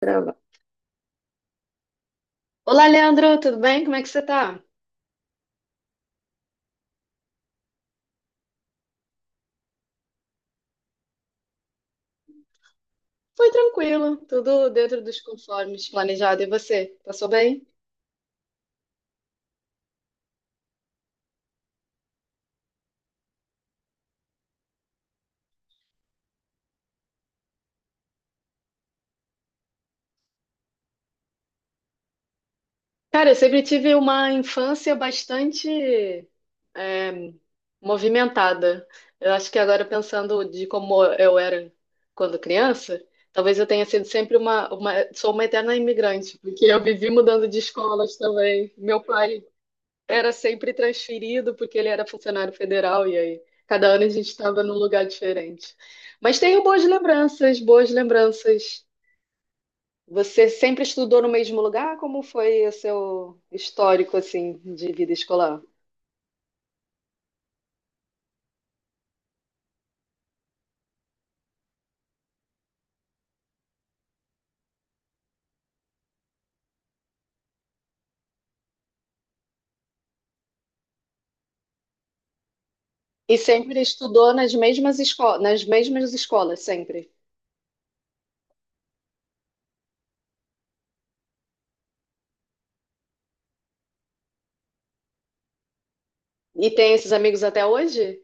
Grava. Olá, Leandro, tudo bem? Como é que você tá? Foi tranquilo, tudo dentro dos conformes planejado. E você? Passou bem? Cara, eu sempre tive uma infância bastante é, movimentada. Eu acho que agora, pensando de como eu era quando criança, talvez eu tenha sido sempre sou uma eterna imigrante, porque eu vivi mudando de escolas também. Meu pai era sempre transferido porque ele era funcionário federal e aí cada ano a gente estava num lugar diferente. Mas tenho boas lembranças, boas lembranças. Você sempre estudou no mesmo lugar? Como foi o seu histórico assim de vida escolar? E sempre estudou nas mesmas escolas sempre. E tem esses amigos até hoje?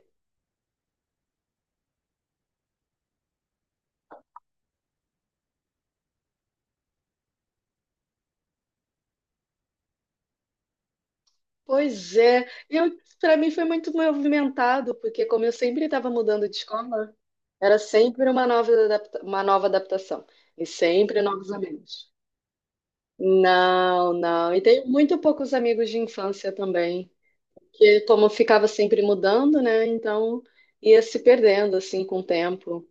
Pois é. Eu para mim foi muito movimentado, porque como eu sempre estava mudando de escola, era sempre uma nova adaptação. E sempre novos amigos. Não, não. E tenho muito poucos amigos de infância também. Que como ficava sempre mudando, né? Então ia se perdendo assim com o tempo.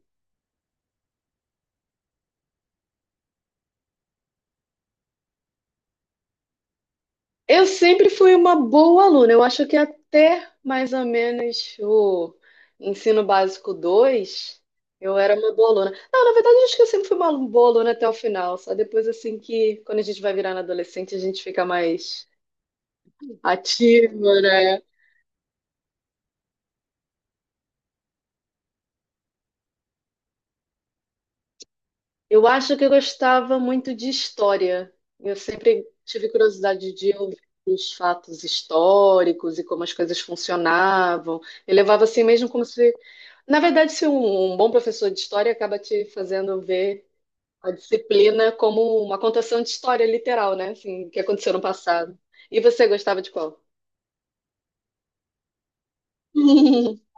Eu sempre fui uma boa aluna. Eu acho que até mais ou menos o ensino básico 2 eu era uma boa aluna. Não, na verdade, eu acho que eu sempre fui uma boa aluna até o final. Só depois, assim, que quando a gente vai virando adolescente, a gente fica mais ativa, né? Eu acho que eu gostava muito de história. Eu sempre tive curiosidade de ouvir os fatos históricos e como as coisas funcionavam. Eu levava assim mesmo como se. Na verdade, se um bom professor de história acaba te fazendo ver a disciplina como uma contação de história literal, né? Assim, o que aconteceu no passado. E você gostava de qual?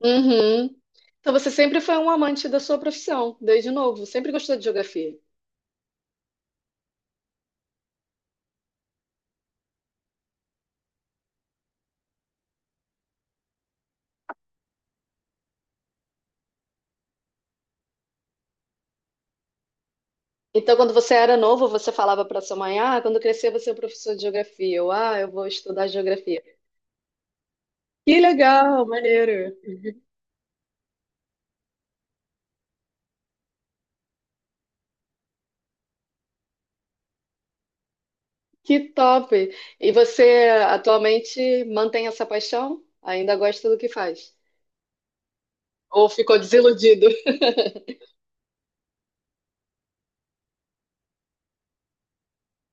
Uhum. Então você sempre foi um amante da sua profissão, desde novo. Sempre gostou de geografia. Então, quando você era novo, você falava para sua mãe, ah, quando eu crescer eu vou ser um professor de geografia, ou ah, eu vou estudar geografia. Que legal, maneiro, que top. E você atualmente mantém essa paixão? Ainda gosta do que faz? Ou ficou desiludido?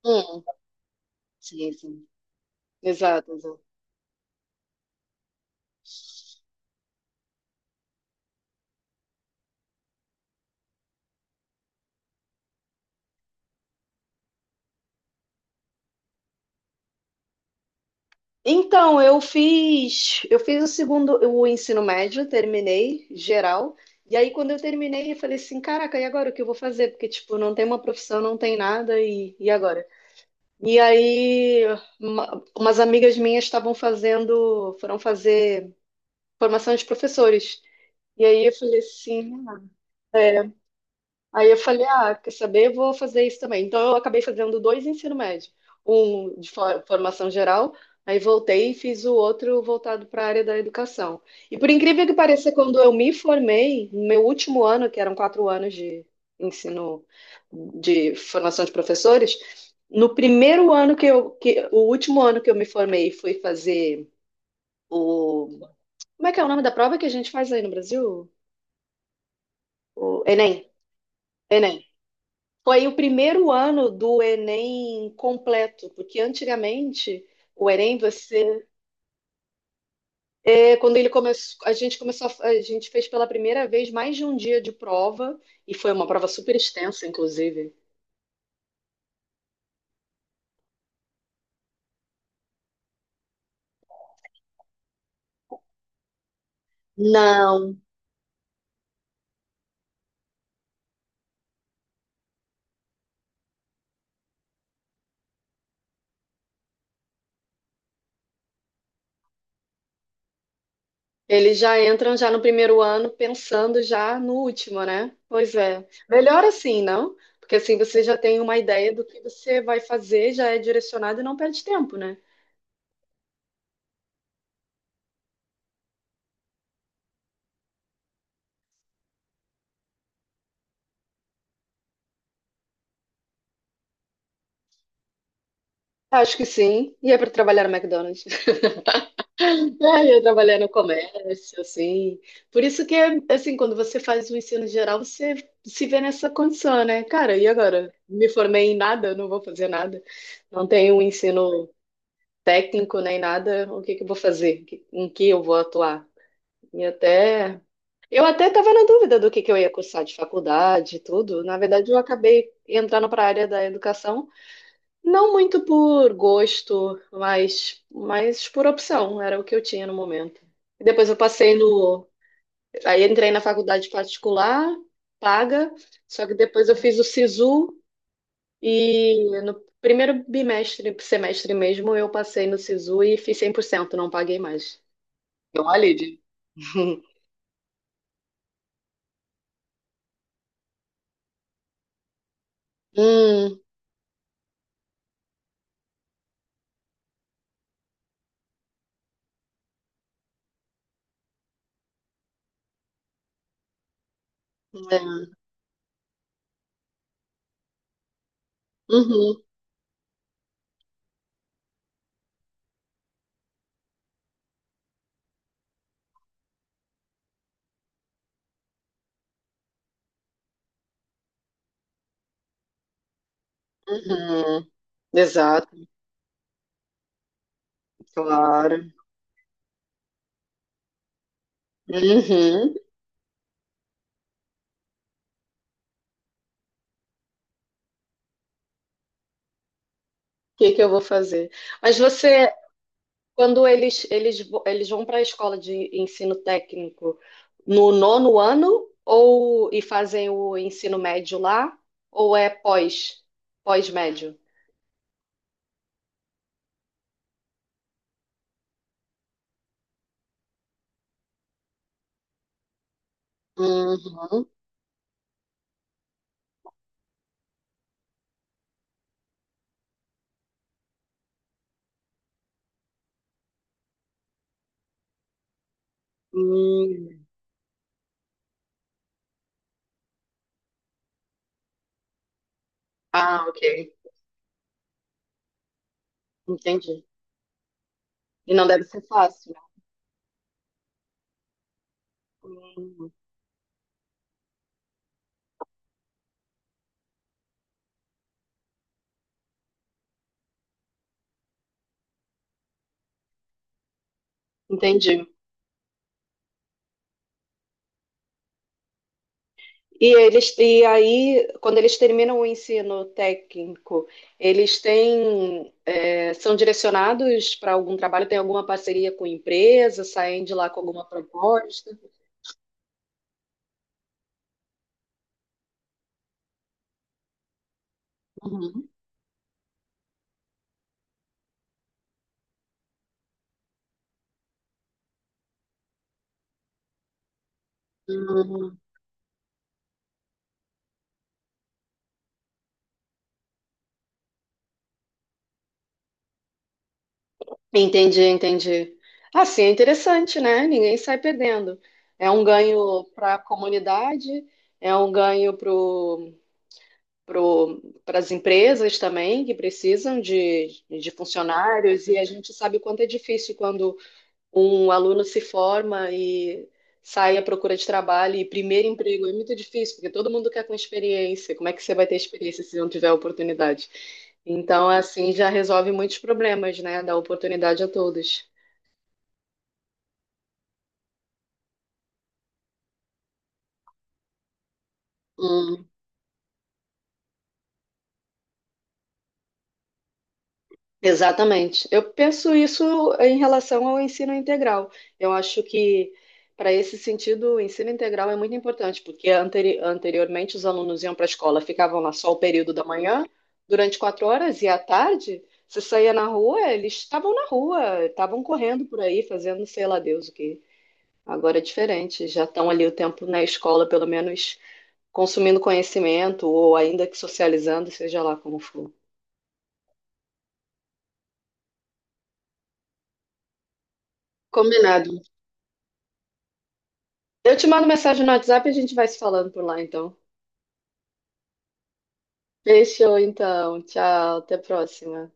Hum, sim, sim. Exato, exato. Então, eu fiz o segundo, o ensino médio, terminei geral. E aí, quando eu terminei, eu falei assim, caraca, e agora o que eu vou fazer? Porque, tipo, não tem uma profissão, não tem nada, e agora? E aí, umas amigas minhas foram fazer formação de professores. E aí eu falei assim, ah, é. Aí eu falei, ah, quer saber? Eu vou fazer isso também. Então eu acabei fazendo dois ensino médio, um de formação geral, aí voltei e fiz o outro voltado para a área da educação. E por incrível que pareça, quando eu me formei, no meu último ano, que eram 4 anos de ensino de formação de professores, no primeiro ano que eu, que, o último ano que eu me formei, e fui fazer o, como é que é o nome da prova que a gente faz aí no Brasil? O Enem. Enem. Foi o primeiro ano do Enem completo, porque antigamente o Enem você, quando ele começou, a gente começou, a gente fez pela primeira vez mais de um dia de prova e foi uma prova super extensa, inclusive. Não, eles já entram já no primeiro ano pensando já no último, né? Pois é. Melhor assim, não? Porque assim você já tem uma ideia do que você vai fazer, já é direcionado e não perde tempo, né? Acho que sim. E é para trabalhar no McDonald's. É, eu trabalhar no comércio, assim. Por isso que, assim, quando você faz o ensino geral, você se vê nessa condição, né? Cara, e agora? Me formei em nada, não vou fazer nada. Não tenho um ensino técnico nem nada. O que que eu vou fazer? Em que eu vou atuar? E até... Eu até estava na dúvida do que eu ia cursar de faculdade e tudo. Na verdade, eu acabei entrando para a área da educação não muito por gosto, mas por opção, era o que eu tinha no momento. E depois eu passei no. Aí entrei na faculdade particular, paga, só que depois eu fiz o SISU e no primeiro bimestre, semestre mesmo, eu passei no SISU e fiz 100%, não paguei mais. Deu um alívio. Hum, é. Uhum, uhum. Exato, claro. Uhum. O que que eu vou fazer? Mas você Quando eles vão para a escola de ensino técnico no nono ano ou e fazem o ensino médio lá ou é pós-médio? Uhum. Hum. Ah, ok. Entendi. E não deve ser fácil, né? Hum. Entendi. E aí, quando eles terminam o ensino técnico, eles têm são direcionados para algum trabalho, tem alguma parceria com empresa, saem de lá com alguma proposta. Uhum. Uhum. Entendi, entendi. Assim, é interessante, né? Ninguém sai perdendo. É um ganho para a comunidade, é um ganho para as empresas também, que precisam de funcionários, e a gente sabe o quanto é difícil quando um aluno se forma e sai à procura de trabalho, e primeiro emprego é muito difícil, porque todo mundo quer com experiência. Como é que você vai ter experiência se não tiver oportunidade? Então, assim, já resolve muitos problemas, né? Dá oportunidade a todos. Exatamente. Eu penso isso em relação ao ensino integral. Eu acho que, para esse sentido, o ensino integral é muito importante, porque anteriormente os alunos iam para a escola, ficavam lá só o período da manhã, durante 4 horas, e à tarde, se saía na rua, eles estavam na rua, estavam correndo por aí, fazendo sei lá Deus o que. Agora é diferente, já estão ali o tempo na escola, pelo menos consumindo conhecimento, ou ainda que socializando, seja lá como for. Combinado. Eu te mando mensagem no WhatsApp e a gente vai se falando por lá, então. Fechou, então. Tchau, até a próxima.